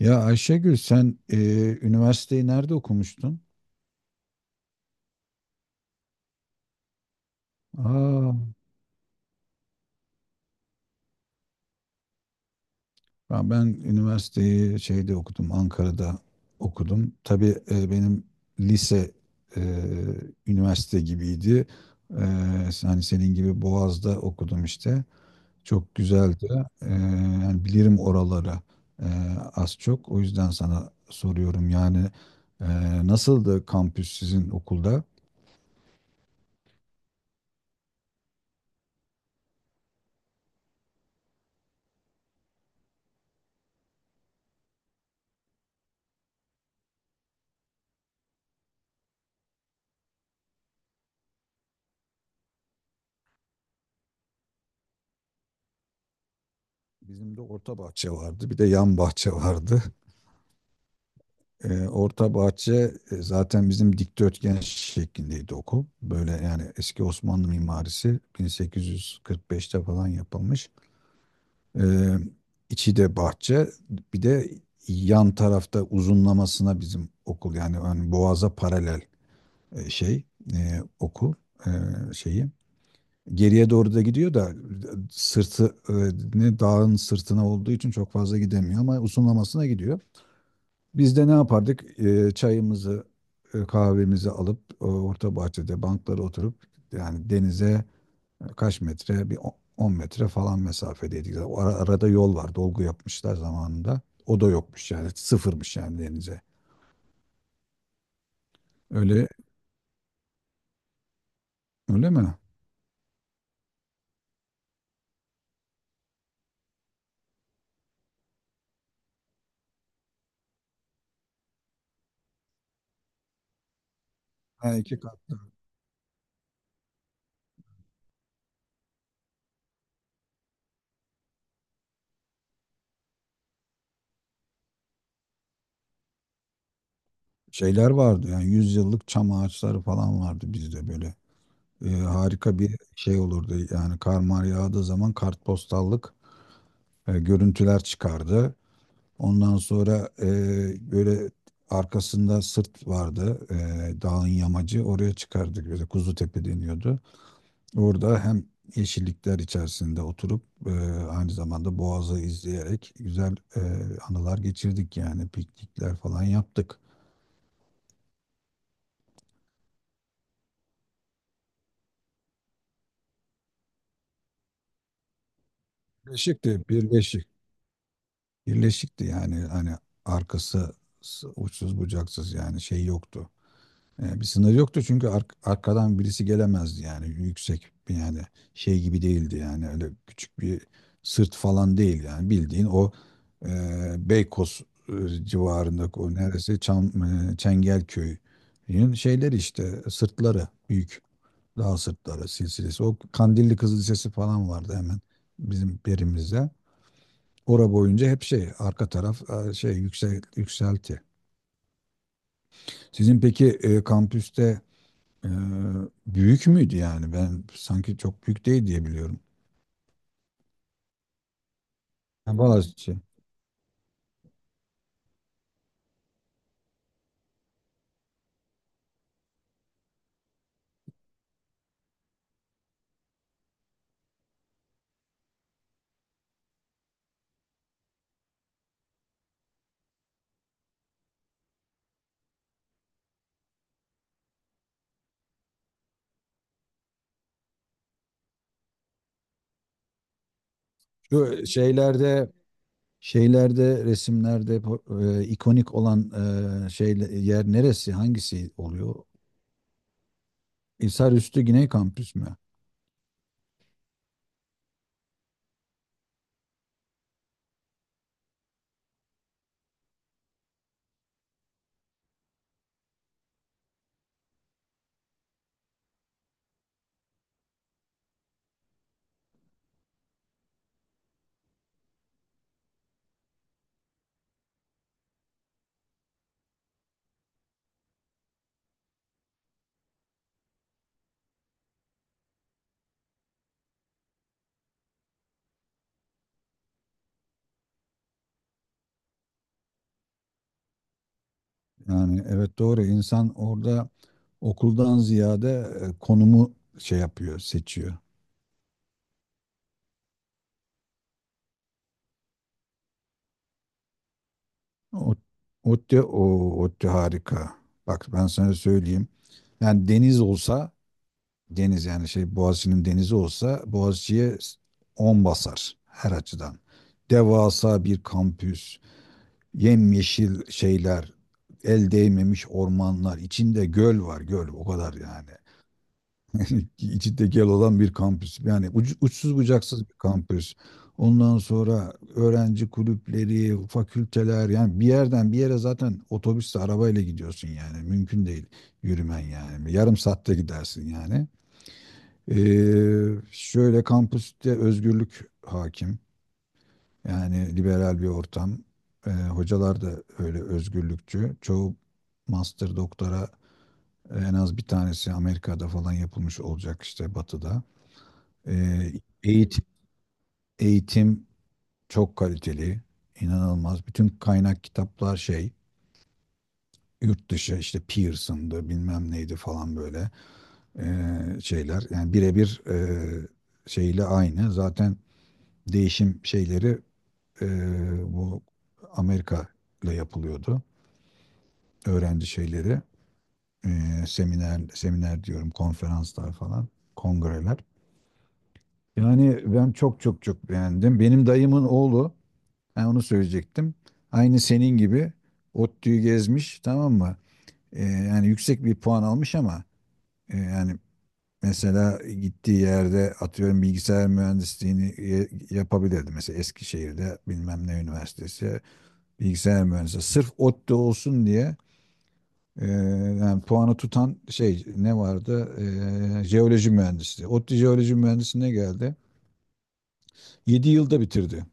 Ya Ayşegül sen üniversiteyi nerede okumuştun? Aa, ya ben üniversiteyi şeyde okudum, Ankara'da okudum. Tabii benim lise e, üniversite gibiydi. E, Hani senin gibi Boğaz'da okudum işte. Çok güzeldi. E, Yani bilirim oraları e, az çok. O yüzden sana soruyorum yani e, nasıldı kampüs sizin okulda? Bizim de orta bahçe vardı, bir de yan bahçe vardı. Orta bahçe zaten bizim dikdörtgen şeklindeydi okul. Böyle yani eski Osmanlı mimarisi 1845'te falan yapılmış. Ee, içi de bahçe. Bir de yan tarafta uzunlamasına bizim okul yani ön Boğaz'a paralel e, şey okul e, şeyi. Geriye doğru da gidiyor da sırtı ne dağın sırtına olduğu için çok fazla gidemiyor ama uzunlamasına gidiyor. Biz de ne yapardık? Çayımızı, kahvemizi alıp orta bahçede banklara oturup yani denize kaç metre? Bir 10 metre falan mesafedeydik. O arada yol var. Dolgu yapmışlar zamanında. O da yokmuş yani. Sıfırmış yani denize. Öyle öyle mi? Ha, iki katlı. Şeyler vardı yani yüzyıllık çam ağaçları falan vardı bizde böyle. Harika bir şey olurdu yani kar mar yağdığı zaman kartpostallık görüntüler çıkardı. Ondan sonra böyle arkasında sırt vardı, dağın yamacı oraya çıkardık. Böyle Kuzutepe deniyordu. Orada hem yeşillikler içerisinde oturup e, aynı zamanda Boğaz'ı izleyerek güzel anılar geçirdik yani piknikler falan yaptık. Birleşikti, birleşik. Birleşikti yani hani arkası uçsuz bucaksız yani şey yoktu. Bir sınır yoktu çünkü arkadan birisi gelemezdi yani yüksek bir yani şey gibi değildi yani öyle küçük bir sırt falan değil yani bildiğin o e, Beykoz civarındaki o neresi Çam, Çengelköy'ün şeyleri işte sırtları büyük dağ sırtları silsilesi, o Kandilli Kızıl Lisesi falan vardı hemen bizim perimizde. Ora boyunca hep şey arka taraf yükselti. Sizin peki kampüste Ee, büyük müydü yani? Ben sanki çok büyük değil diye biliyorum. Ha, Boğaziçi. Şu şeylerde şeylerde resimlerde ikonik olan yer neresi? Hangisi oluyor? Hisarüstü Güney Kampüs mü? Yani evet doğru insan orada okuldan ziyade konumu şey yapıyor, seçiyor. O o ODTÜ harika. Bak ben sana söyleyeyim. Yani deniz olsa deniz yani şey Boğaziçi'nin denizi olsa Boğaziçi'ye 10 basar her açıdan. Devasa bir kampüs, yemyeşil şeyler, el değmemiş ormanlar, içinde göl var göl o kadar yani. içi tekel olan bir kampüs. Yani uçsuz bucaksız bir kampüs. Ondan sonra öğrenci kulüpleri, fakülteler yani bir yerden bir yere zaten otobüsle arabayla gidiyorsun yani mümkün değil yürümen yani yarım saatte gidersin yani. Şöyle kampüste özgürlük hakim yani liberal bir ortam. Hocalar da öyle özgürlükçü. Çoğu master doktora en az bir tanesi Amerika'da falan yapılmış olacak işte Batı'da. Ee, eğitim, eğitim çok kaliteli, inanılmaz. Bütün kaynak kitaplar şey, yurt dışı işte Pearson'dı bilmem neydi falan böyle şeyler. Yani birebir şeyle aynı. Zaten değişim şeyleri bu Amerika ile yapılıyordu. Öğrenci şeyleri, seminer diyorum, konferanslar falan, kongreler. Yani ben çok çok çok beğendim. Benim dayımın oğlu, ha, onu söyleyecektim. Aynı senin gibi ODTÜ'yü gezmiş, tamam mı? Yani yüksek bir puan almış ama yani mesela gittiği yerde atıyorum bilgisayar mühendisliğini yapabilirdi. Mesela Eskişehir'de bilmem ne üniversitesi bilgisayar mühendisliği. Sırf ODTÜ olsun diye e, yani puanı tutan şey ne vardı? Jeoloji mühendisliği. ODTÜ jeoloji mühendisliğine geldi. 7 yılda bitirdi.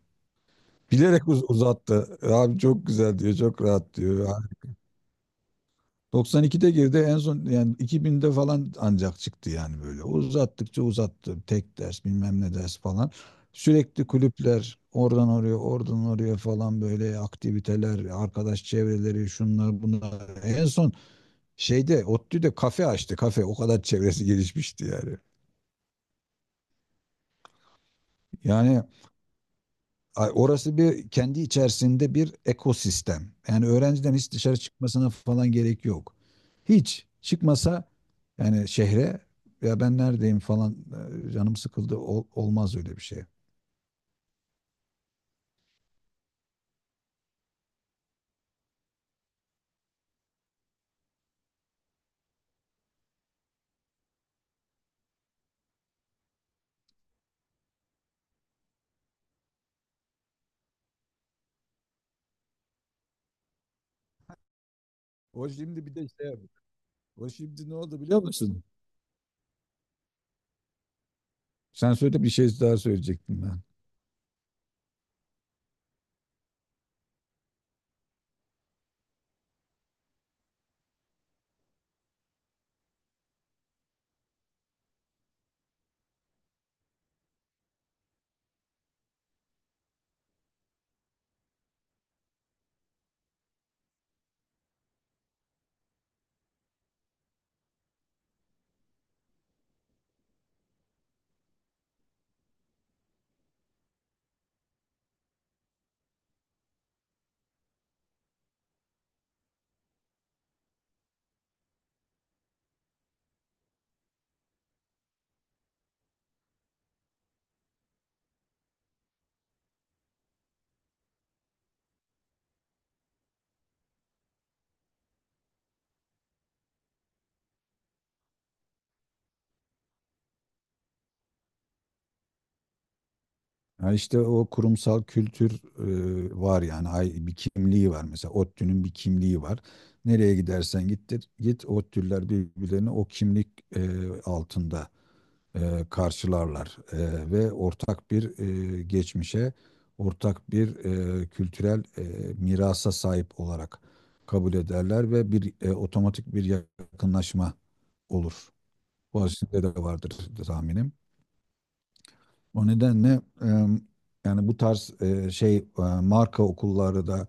Bilerek uzattı. Abi çok güzel diyor, çok rahat diyor. 92'de girdi en son yani 2000'de falan ancak çıktı yani böyle. Uzattıkça uzattı. Tek ders bilmem ne ders falan. Sürekli kulüpler oradan oraya oradan oraya falan böyle aktiviteler, arkadaş çevreleri şunlar bunlar. En son şeyde ODTÜ'de kafe açtı kafe, o kadar çevresi gelişmişti yani. Yani ay, orası bir kendi içerisinde bir ekosistem. Yani öğrenciden hiç dışarı çıkmasına falan gerek yok. Hiç çıkmasa yani şehre ya ben neredeyim falan canım sıkıldı olmaz öyle bir şey. O şimdi bir de şey yapıyor. O şimdi ne oldu biliyor musun? Sen söyle, bir şey daha söyleyecektim ben. Ha işte o kurumsal kültür var yani ay bir kimliği var, mesela ODTÜ'nün bir kimliği var. Nereye gidersen gittir git ODTÜ'lüler birbirlerini o kimlik altında karşılarlar. Ve ortak bir geçmişe, ortak bir kültürel mirasa sahip olarak kabul ederler ve bir otomatik bir yakınlaşma olur. Bu de vardır tahminim. O nedenle e, yani bu tarz marka okulları da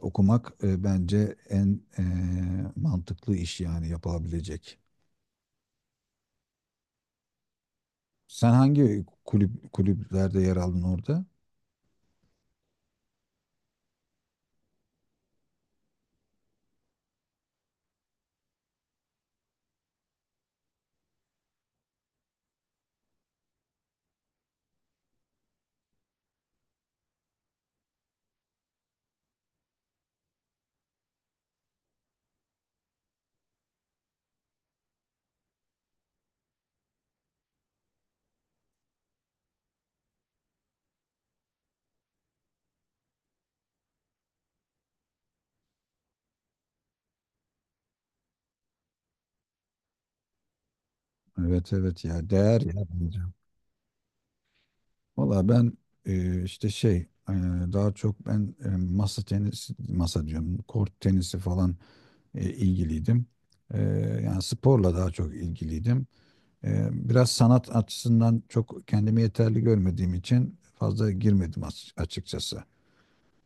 okumak bence en mantıklı iş yani yapılabilecek. Sen hangi kulüp kulüplerde yer aldın orada? Evet evet ya değer ya bence. Valla ben e, işte şey e, daha çok ben masa tenisi masa diyorum kort tenisi falan ilgiliydim. E, Yani sporla daha çok ilgiliydim. Biraz sanat açısından çok kendimi yeterli görmediğim için fazla girmedim açıkçası.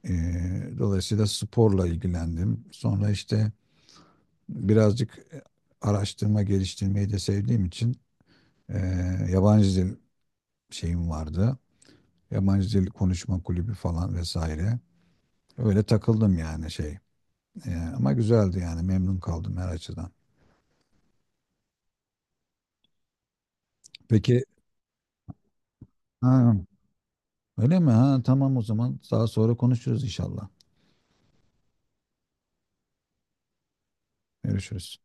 E, Dolayısıyla sporla ilgilendim. Sonra işte birazcık araştırma geliştirmeyi de sevdiğim için e, yabancı dil şeyim vardı. Yabancı dil konuşma kulübü falan vesaire. Öyle takıldım yani şey. Ama güzeldi yani memnun kaldım her açıdan. Peki ha, öyle mi? Ha, tamam o zaman. Daha sonra konuşuruz inşallah. Görüşürüz.